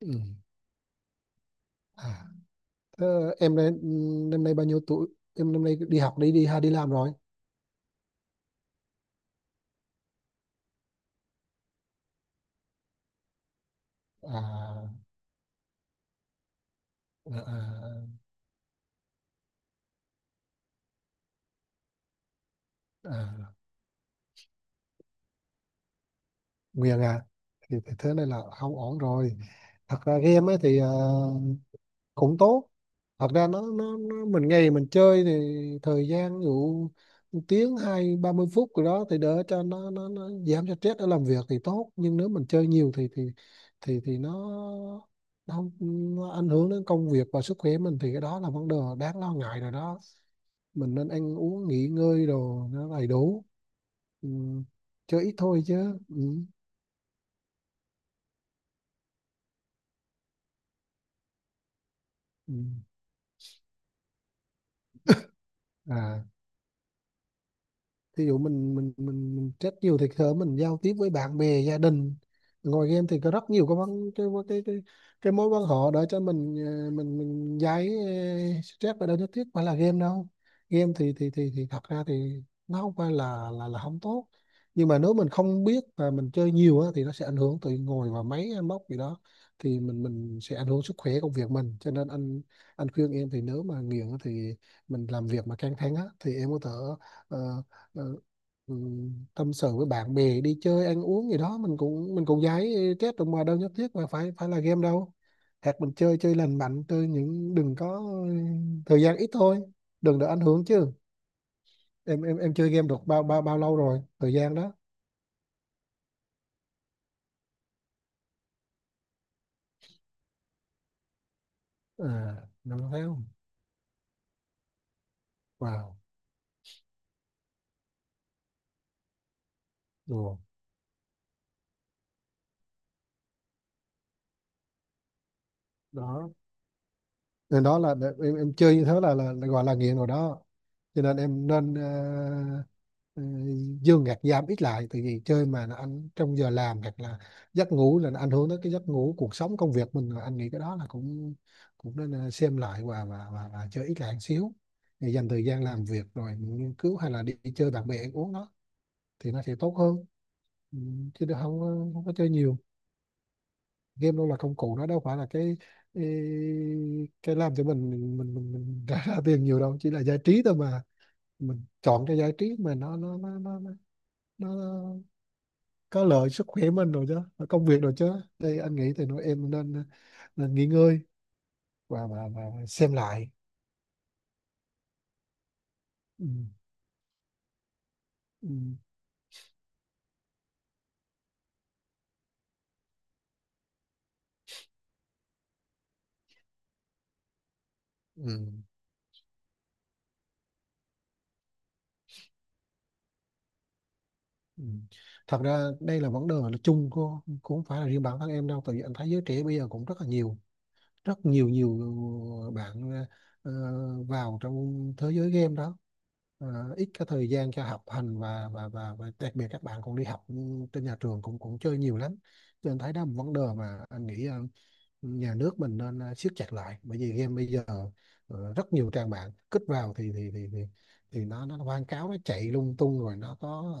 Ừ. À, thế em đây, năm nay bao nhiêu tuổi? Em năm nay đi học đi đi hay đi làm rồi? À, à, à, à, Nguyên à, thì thế này là không ổn rồi. Thật ra game ấy thì cũng tốt, thật ra nó mình ngày mình chơi thì thời gian ví dụ 1 tiếng hai 30 phút rồi đó thì đỡ cho nó giảm cho stress ở làm việc thì tốt, nhưng nếu mình chơi nhiều thì nó không ảnh hưởng đến công việc và sức khỏe mình thì cái đó là vấn đề đáng lo ngại rồi đó. Mình nên ăn uống nghỉ ngơi đồ nó đầy đủ. Ừ, chơi ít thôi chứ. Ừ. Ừ. à Thí dụ mình stress nhiều thì thở mình giao tiếp với bạn bè gia đình ngồi game thì có rất nhiều cái vấn cái mối quan họ để cho mình mình giải stress, và đâu nhất thiết phải là game đâu. Game thì thật ra thì nó không phải là không tốt, nhưng mà nếu mình không biết và mình chơi nhiều á, thì nó sẽ ảnh hưởng từ ngồi vào máy hay móc gì đó thì mình sẽ ảnh hưởng sức khỏe công việc mình. Cho nên anh khuyên em thì nếu mà nghiện á thì mình làm việc mà căng thẳng á, thì em có thể ờ, ừ, ừ, tâm sự với bạn bè đi chơi ăn uống gì đó, mình cũng giải stress rồi mà đâu nhất thiết mà phải phải là game đâu. Hoặc mình chơi chơi lành mạnh chơi những đừng có thời gian ít thôi, đừng để ảnh hưởng chứ. Em chơi game được bao bao bao lâu rồi thời gian đó? À, năm tháng. Wow. Rồi. Đó nên đó là em chơi như thế là gọi là nghiện rồi đó. Cho nên em nên ờ, dương gạt giảm ít lại, tại vì chơi mà nó anh trong giờ làm hoặc là giấc ngủ là nó ảnh hưởng đến cái giấc ngủ cuộc sống công việc mình. Rồi anh nghĩ cái đó là cũng cũng nên xem lại và và chơi ít lại một xíu để dành thời gian làm việc rồi nghiên cứu hay là đi chơi bạn bè ăn uống đó thì nó sẽ tốt hơn. Ừ, chứ đừng- không có- không có chơi nhiều. Game đâu là công cụ, nó đâu phải là cái, cái làm cho mình ra tiền nhiều đâu, chỉ là giải trí thôi mà. Mình chọn cái giải trí mà nó có lợi sức khỏe mình rồi chứ và công việc rồi chứ. Thì anh nghĩ thì nói em nên nên nghỉ ngơi và và xem lại. Ừ. Ừ. Ừ. Ừ. Thật ra đây là vấn đề là chung của, cũng không phải là riêng bản thân em đâu, tại vì anh thấy giới trẻ bây giờ cũng rất là nhiều, rất nhiều nhiều bạn ờ, vào trong thế giới game đó. Ờ, ít cái thời gian cho học hành và và đặc biệt các bạn còn đi học trên nhà trường cũng cũng chơi nhiều lắm. Cho nên thấy đó là một vấn đề mà anh nghĩ nhà nước mình nên siết chặt lại bởi vì game bây giờ rất nhiều trang mạng kích vào thì nó quảng cáo nó chạy lung tung rồi nó có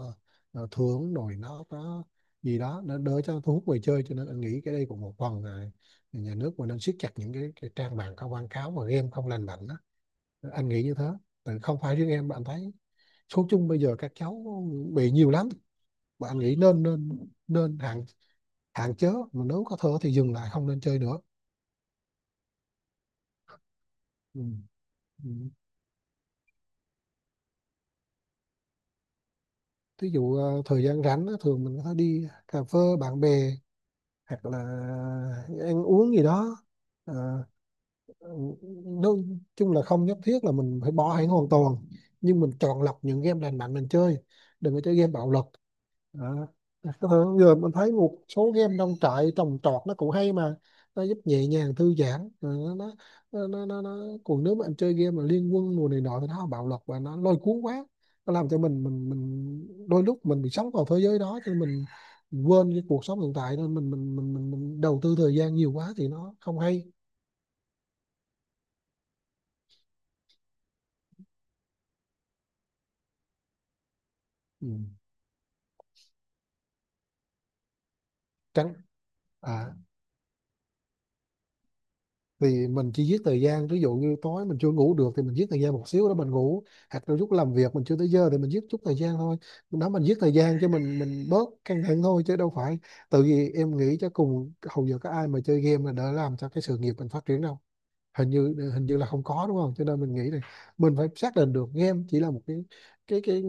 thưởng rồi nó có gì đó nó đỡ cho thu hút người chơi. Cho nên anh nghĩ cái đây cũng một phần là nhà nước mình nên siết chặt những cái trang mạng có quảng cáo và game không lành mạnh đó. Anh nghĩ như thế. Tại không phải riêng em bạn thấy, số chung bây giờ các cháu bị nhiều lắm và anh nghĩ nên nên nên hạn hạn chế mà nếu có thể thì dừng lại không nên chơi nữa. Ừ. Ừ. Ví dụ thời gian rảnh á, thường mình có đi cà phê bạn bè hoặc là ăn uống gì đó. ờ, Ừ, nói chung là không nhất thiết là mình phải bỏ hẳn hoàn toàn, nhưng mình chọn lọc những game lành mạnh mình chơi, đừng có chơi game bạo lực. Đó. Có thể giờ mình thấy một số game nông trại trồng trọt nó cũng hay mà, nó giúp nhẹ nhàng thư giãn. Ờ, nó nó, nó. Còn nếu mà anh chơi game mà liên quân mùa này nọ thì nó bạo lực và nó lôi cuốn quá, nó làm cho mình đôi lúc mình bị sống vào thế giới đó. Cho nên mình quên cái cuộc sống hiện tại nên mình đầu tư thời gian nhiều quá thì nó không hay. Ừ. Tránh. À thì mình chỉ giết thời gian, ví dụ như tối mình chưa ngủ được thì mình giết thời gian một xíu đó mình ngủ, hoặc là lúc làm việc mình chưa tới giờ thì mình giết chút thời gian thôi. Đó mình giết thời gian cho mình bớt căng thẳng thôi chứ đâu phải. Tự vì em nghĩ cho cùng hầu giờ có ai mà chơi game là đỡ làm cho cái sự nghiệp mình phát triển đâu? Hình như là không có, đúng không? Cho nên mình nghĩ là mình phải xác định được game chỉ là một cái cái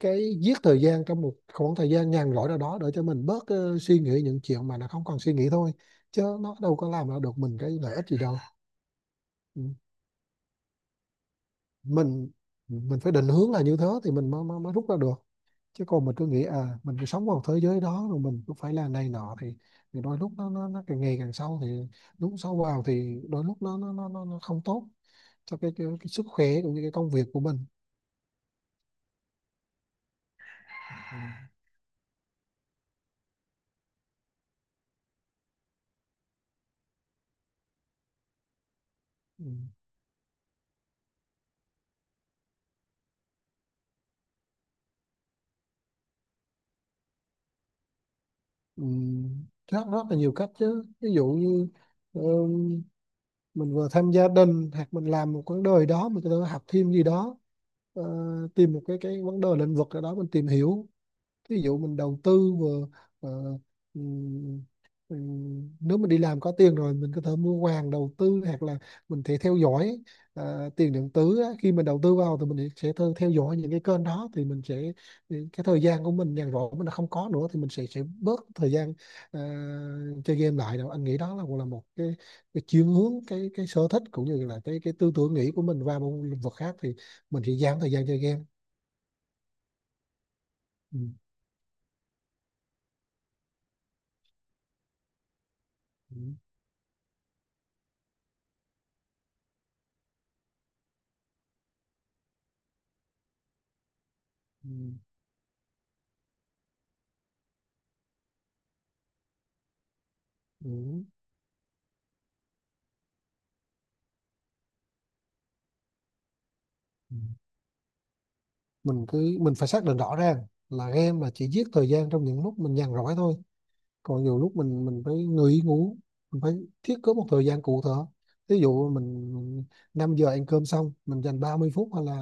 cái giết thời gian trong một khoảng thời gian nhàn rỗi nào đó để cho mình bớt suy nghĩ những chuyện mà nó không còn suy nghĩ thôi, chứ nó đâu có làm ra được mình cái lợi ích gì đâu. Ừ. mình mình phải định hướng là như thế thì mình mới rút ra được. Chứ còn mình cứ nghĩ à mình cứ sống vào thế giới đó rồi mình cứ phải làm này nọ thì đôi lúc nó càng ngày càng sâu. Thì lúc sâu vào thì đôi lúc nó không tốt cho cái sức khỏe cũng như cái công việc của mình. Ừ. Ừ. Rất rất là nhiều cách chứ, ví dụ như ờ, mình vừa tham gia đình hoặc mình làm một vấn đề đó mình có thể học thêm gì đó. Ờ, tìm một cái vấn đề lĩnh vực ở đó mình tìm hiểu, ví dụ mình đầu tư vừa ờ, ừm, nếu mình đi làm có tiền rồi mình có thể mua vàng đầu tư, hoặc là mình thể theo dõi tiền điện tử á. Khi mình đầu tư vào thì mình sẽ theo dõi những cái kênh đó thì mình sẽ cái thời gian của mình nhàn rỗi mình đã không có nữa thì mình sẽ bớt thời gian ờ, chơi game lại đâu. Anh nghĩ đó là cũng là một cái chuyển hướng cái sở thích cũng như là cái tư tưởng nghĩ của mình vào một lĩnh vực khác thì mình sẽ giảm thời gian chơi game. Ừ. Ừ. Ừ. Ừ. Mình cứ mình phải xác định rõ ràng là game là chỉ giết thời gian trong những lúc mình nhàn rỗi thôi. Còn nhiều lúc mình phải nghỉ ngủ, mình phải thiết kế một thời gian cụ thể. Ví dụ mình 5 giờ ăn cơm xong mình dành 30 phút hay là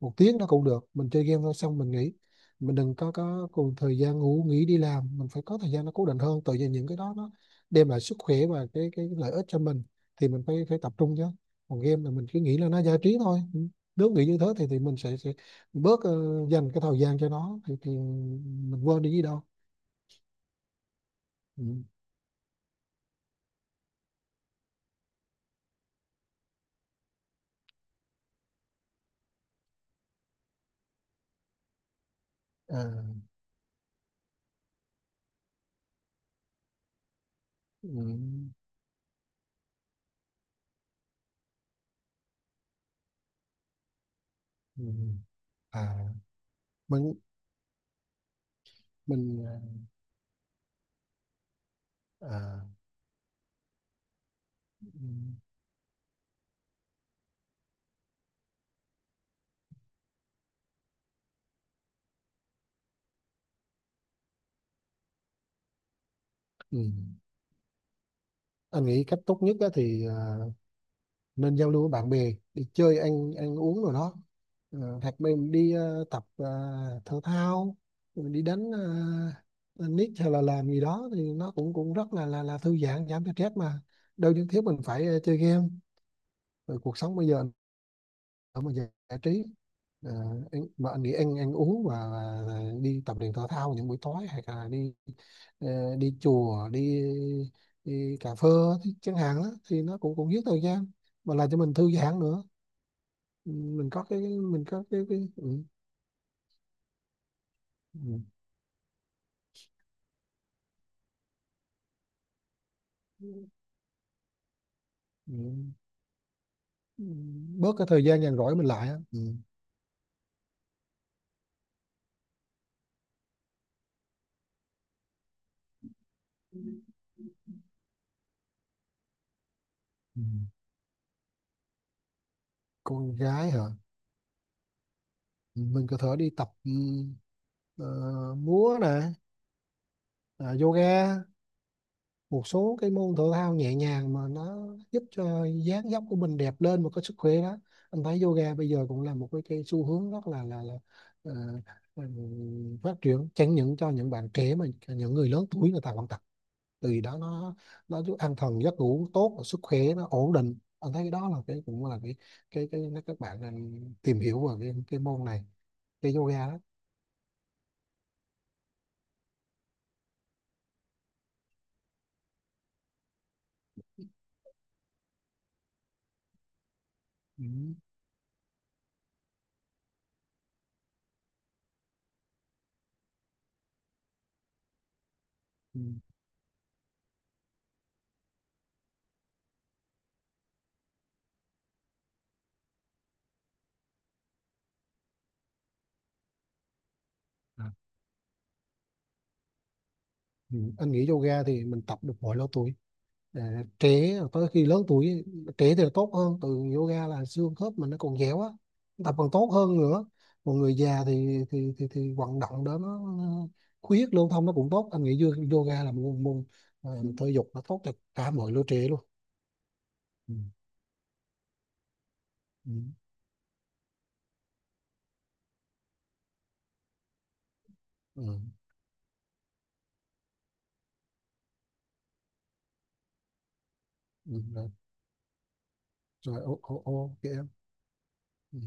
1 tiếng nó cũng được mình chơi game thôi xong mình nghỉ. Mình đừng có cùng thời gian ngủ nghỉ đi làm, mình phải có thời gian nó cố định hơn, tự nhiên những cái đó nó đem lại sức khỏe và cái lợi ích cho mình thì mình phải phải tập trung chứ. Còn game là mình cứ nghĩ là nó giải trí thôi. Ừ. Nếu nghĩ như thế thì mình sẽ bớt dành cái thời gian cho nó thì mình quên đi gì đâu. Ừ. À. ừ, ừ, à mình mình à, à, ừ. Anh nghĩ cách tốt nhất á thì nên giao lưu với bạn bè đi chơi ăn ăn uống rồi đó. Ờ, hoặc mình đi tập thể thao rồi đi đánh tennis hay là làm gì đó thì nó cũng cũng rất là thư giãn giảm stress mà, đâu nhất thiết mình phải chơi game. Rồi cuộc sống bây giờ ở mà giải giải trí. Ờ, anh, mà anh nghĩ ăn ăn uống và đi tập luyện thể thao những buổi tối, hay là đi đi chùa đi đi cà phê thì chẳng hạn đó, thì nó cũng cũng giết thời gian mà làm cho mình thư giãn nữa. Ừ, mình có cái mình có cái ừ, ừ, ừ, bớt cái thời gian nhàn rỗi mình lại á. Ừ. Ừ. Con gái hả? Ừ, mình có thể đi tập ờ, múa nè, à, yoga. Một số cái môn thể thao nhẹ nhàng mà nó giúp cho dáng dấp của mình đẹp lên và có sức khỏe đó. Anh thấy yoga bây giờ cũng là một cái xu hướng rất là là ờ, phát triển, chẳng những cho những bạn trẻ mà những người lớn tuổi người ta vẫn tập. Từ đó nó giúp an thần giấc ngủ tốt và sức khỏe nó ổn định, anh thấy cái đó là cái cũng là cái các bạn nên tìm hiểu về cái môn này, cái yoga đó. Ừ. Ừ. À. Ừ. Anh nghĩ yoga thì mình tập được mọi lứa tuổi. Ờ, trẻ tới khi lớn tuổi, trẻ thì là tốt hơn từ yoga là xương khớp mình nó còn dẻo á, tập còn tốt hơn nữa. Còn người già thì vận động đó nó huyết lưu thông nó cũng tốt. Anh nghĩ yoga là một môn môn, thể dục nó tốt cho cả mọi lứa trẻ luôn. Ừ. Ừ. Ừ. Ừ. Rồi ô ô ô kìa em. Ừ.